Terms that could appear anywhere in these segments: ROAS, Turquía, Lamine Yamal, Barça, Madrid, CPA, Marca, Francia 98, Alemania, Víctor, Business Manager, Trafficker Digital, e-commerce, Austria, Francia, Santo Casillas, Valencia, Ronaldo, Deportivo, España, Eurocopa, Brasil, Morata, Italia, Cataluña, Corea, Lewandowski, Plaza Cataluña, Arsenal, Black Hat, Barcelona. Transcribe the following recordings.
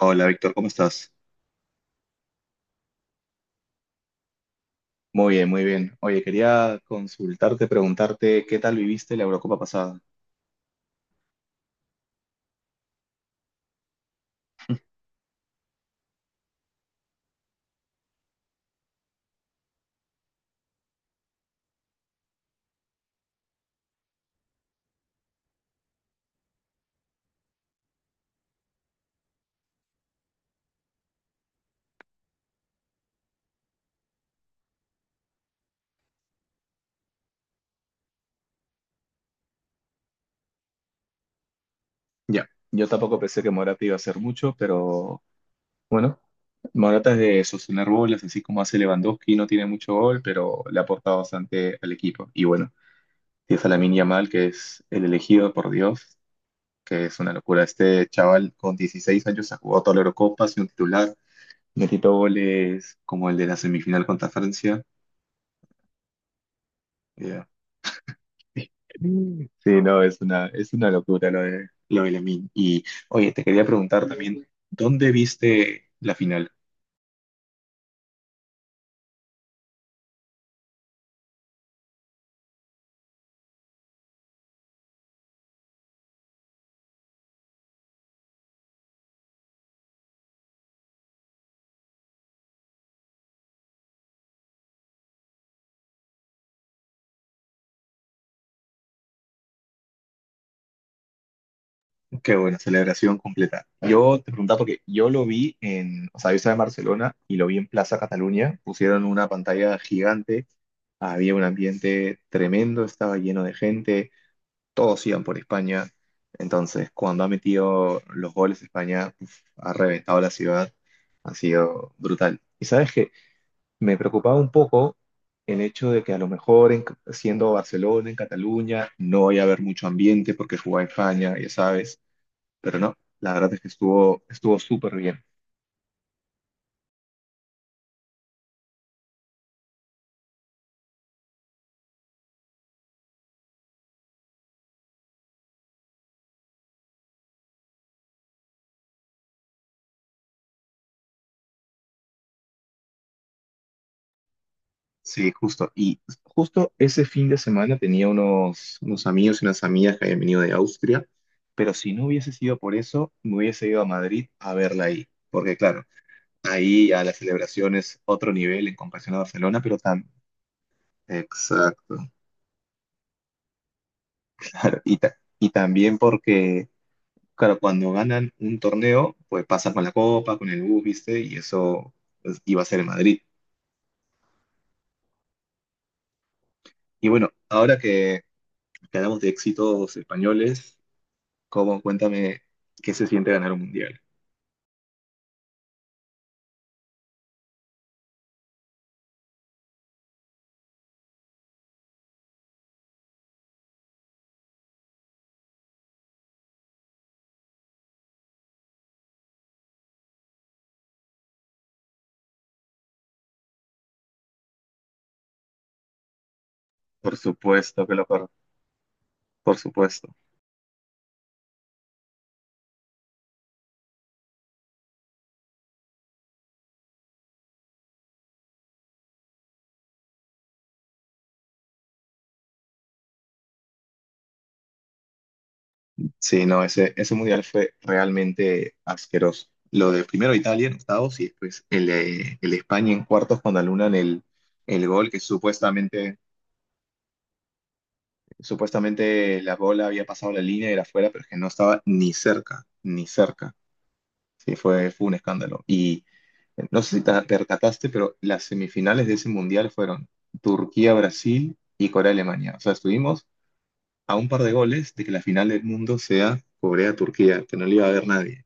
Hola Víctor, ¿cómo estás? Muy bien, muy bien. Oye, quería consultarte, preguntarte qué tal viviste la Eurocopa pasada. Ya, yo tampoco pensé que Morata iba a hacer mucho, pero bueno, Morata es de sostener bolas, así como hace Lewandowski, no tiene mucho gol, pero le ha aportado bastante al equipo. Y bueno, tienes a Lamine Yamal, que es el elegido por Dios, que es una locura. Este chaval con 16 años ha jugado toda la Eurocopa, ha sido un titular, metido goles como el de la semifinal contra Francia. Sí, no, es una locura lo de Lamine. Y oye, te quería preguntar también, ¿dónde viste la final? Qué buena celebración completa. Yo te preguntaba porque yo lo vi en, o sea, yo estaba en Barcelona y lo vi en Plaza Cataluña. Pusieron una pantalla gigante, había un ambiente tremendo, estaba lleno de gente, todos iban por España. Entonces, cuando ha metido los goles España, uf, ha reventado la ciudad, ha sido brutal. ¿Y sabes qué? Me preocupaba un poco el hecho de que a lo mejor siendo Barcelona, en Cataluña, no vaya a haber mucho ambiente porque jugaba en España, ya sabes, pero no, la verdad es que estuvo súper bien. Sí, justo. Y justo ese fin de semana tenía unos amigos y unas amigas que habían venido de Austria, pero si no hubiese sido por eso, me hubiese ido a Madrid a verla ahí, porque claro, ahí a las celebraciones otro nivel en comparación a Barcelona, pero tan... Exacto, claro. Y también porque claro, cuando ganan un torneo, pues pasan con la copa, con el bus, ¿viste? Y eso pues, iba a ser en Madrid. Y bueno, ahora que hablamos de éxitos españoles, ¿cómo? Cuéntame qué se siente ganar un mundial. Por supuesto que lo por supuesto. Sí, no, ese mundial fue realmente asqueroso. Lo de primero Italia en octavos y después el de España en cuartos cuando anulan el gol que supuestamente supuestamente la bola había pasado la línea y era fuera, pero es que no estaba ni cerca, ni cerca. Sí, fue un escándalo. Y no sé si te percataste, pero las semifinales de ese mundial fueron Turquía, Brasil y Corea, Alemania. O sea, estuvimos a un par de goles de que la final del mundo sea Corea, Turquía, que no le iba a ver nadie.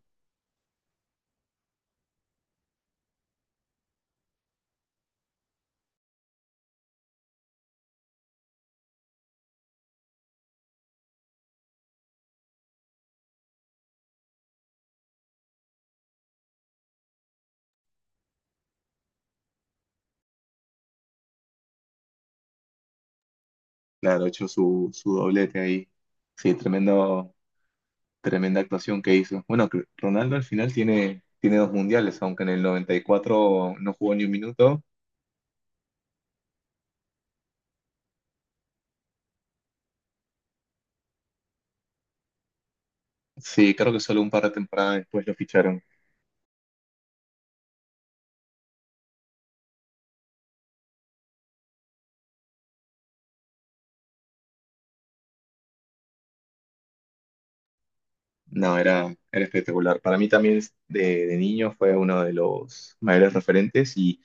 Claro, hecho su doblete ahí. Sí, tremenda actuación que hizo. Bueno, que Ronaldo al final tiene dos mundiales, aunque en el 94 no jugó ni un minuto. Sí, creo que solo un par de temporadas después lo ficharon. No, era espectacular. Para mí también de niño fue uno de los mayores referentes y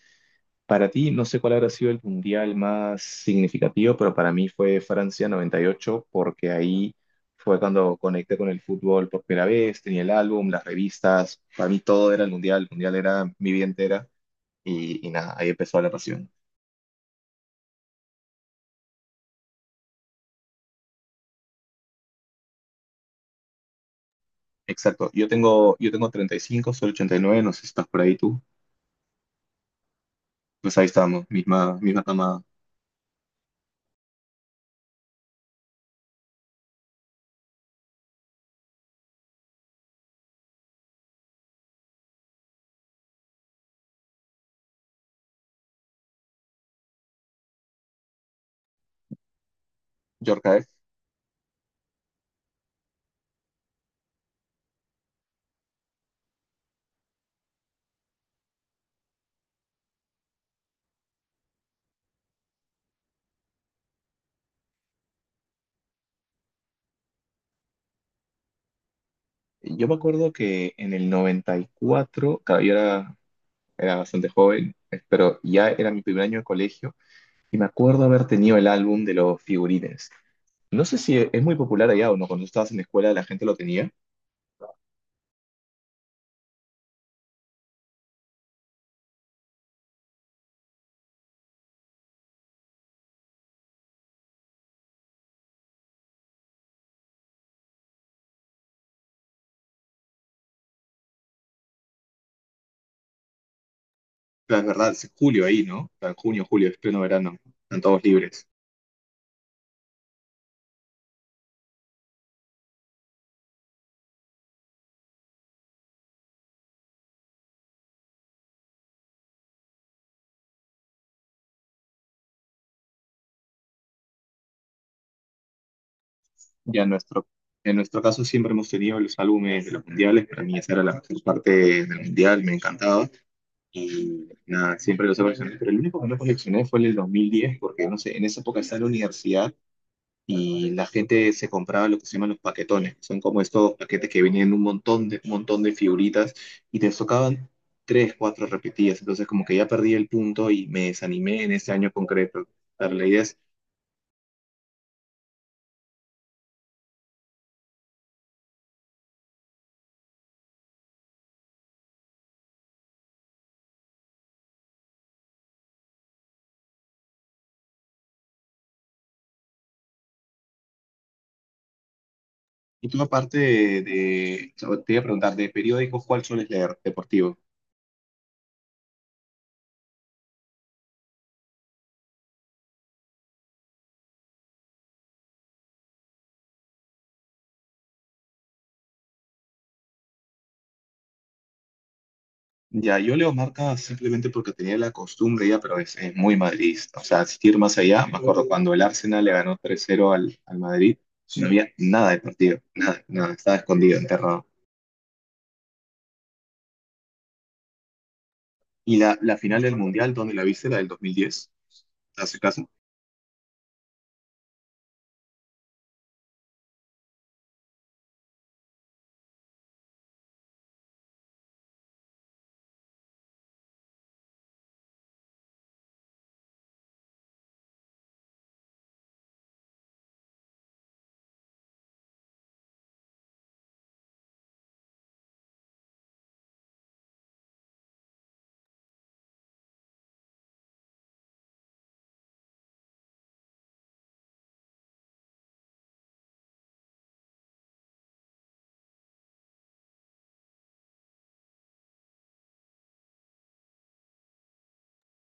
para ti no sé cuál habrá sido el mundial más significativo, pero para mí fue Francia 98 porque ahí fue cuando conecté con el fútbol por primera vez, tenía el álbum, las revistas, para mí todo era el mundial era mi vida entera y nada, ahí empezó la pasión. Exacto, yo tengo 35, soy 89, no sé si estás por ahí tú. Pues ahí estamos, misma, misma cama, Yorkaes. Yo me acuerdo que en el 94, claro, yo era bastante joven, pero ya era mi primer año de colegio y me acuerdo haber tenido el álbum de los figurines. No sé si es muy popular allá o no, cuando estabas en la escuela la gente lo tenía. Pero es verdad, es julio ahí, ¿no? O sea, en junio, julio, es pleno verano, están todos libres. Ya en nuestro caso siempre hemos tenido los álbumes de los mundiales, para mí esa era la mejor parte del mundial, me encantaba. Y nada, siempre los he coleccionado, pero el único que no coleccioné fue el del 2010 porque no sé, en esa época estaba en la universidad y la gente se compraba lo que se llaman los paquetones, que son como estos paquetes que venían un montón de figuritas y te tocaban tres, cuatro repetidas, entonces como que ya perdí el punto y me desanimé en ese año concreto. Pero la idea es, y tú aparte te voy a preguntar, de periódicos, ¿cuál sueles leer? Deportivo. Ya, yo leo marca simplemente porque tenía la costumbre ya, pero es muy madridista. O sea, asistir más allá, me acuerdo cuando el Arsenal le ganó 3-0 al Madrid, no había nada de partido, nada, nada, estaba escondido, enterrado. Y la final del Mundial, ¿dónde la viste? La del 2010, hace caso.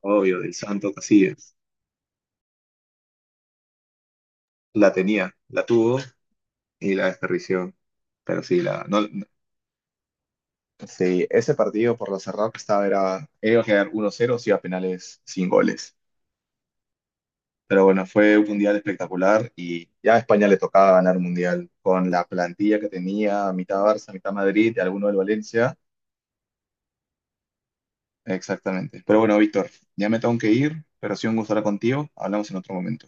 Obvio, del Santo Casillas. La tenía, la tuvo y la desperdició. Pero sí, la, no, no- sí, ese partido por lo cerrado que estaba era, iba a quedar 1-0 si iba a penales sin goles. Pero bueno, fue un mundial espectacular y ya a España le tocaba ganar un mundial con la plantilla que tenía, mitad Barça, mitad Madrid y alguno del Valencia. Exactamente. Pero bueno, Víctor, ya me tengo que ir, pero ha sido un gusto hablar contigo. Hablamos en otro momento.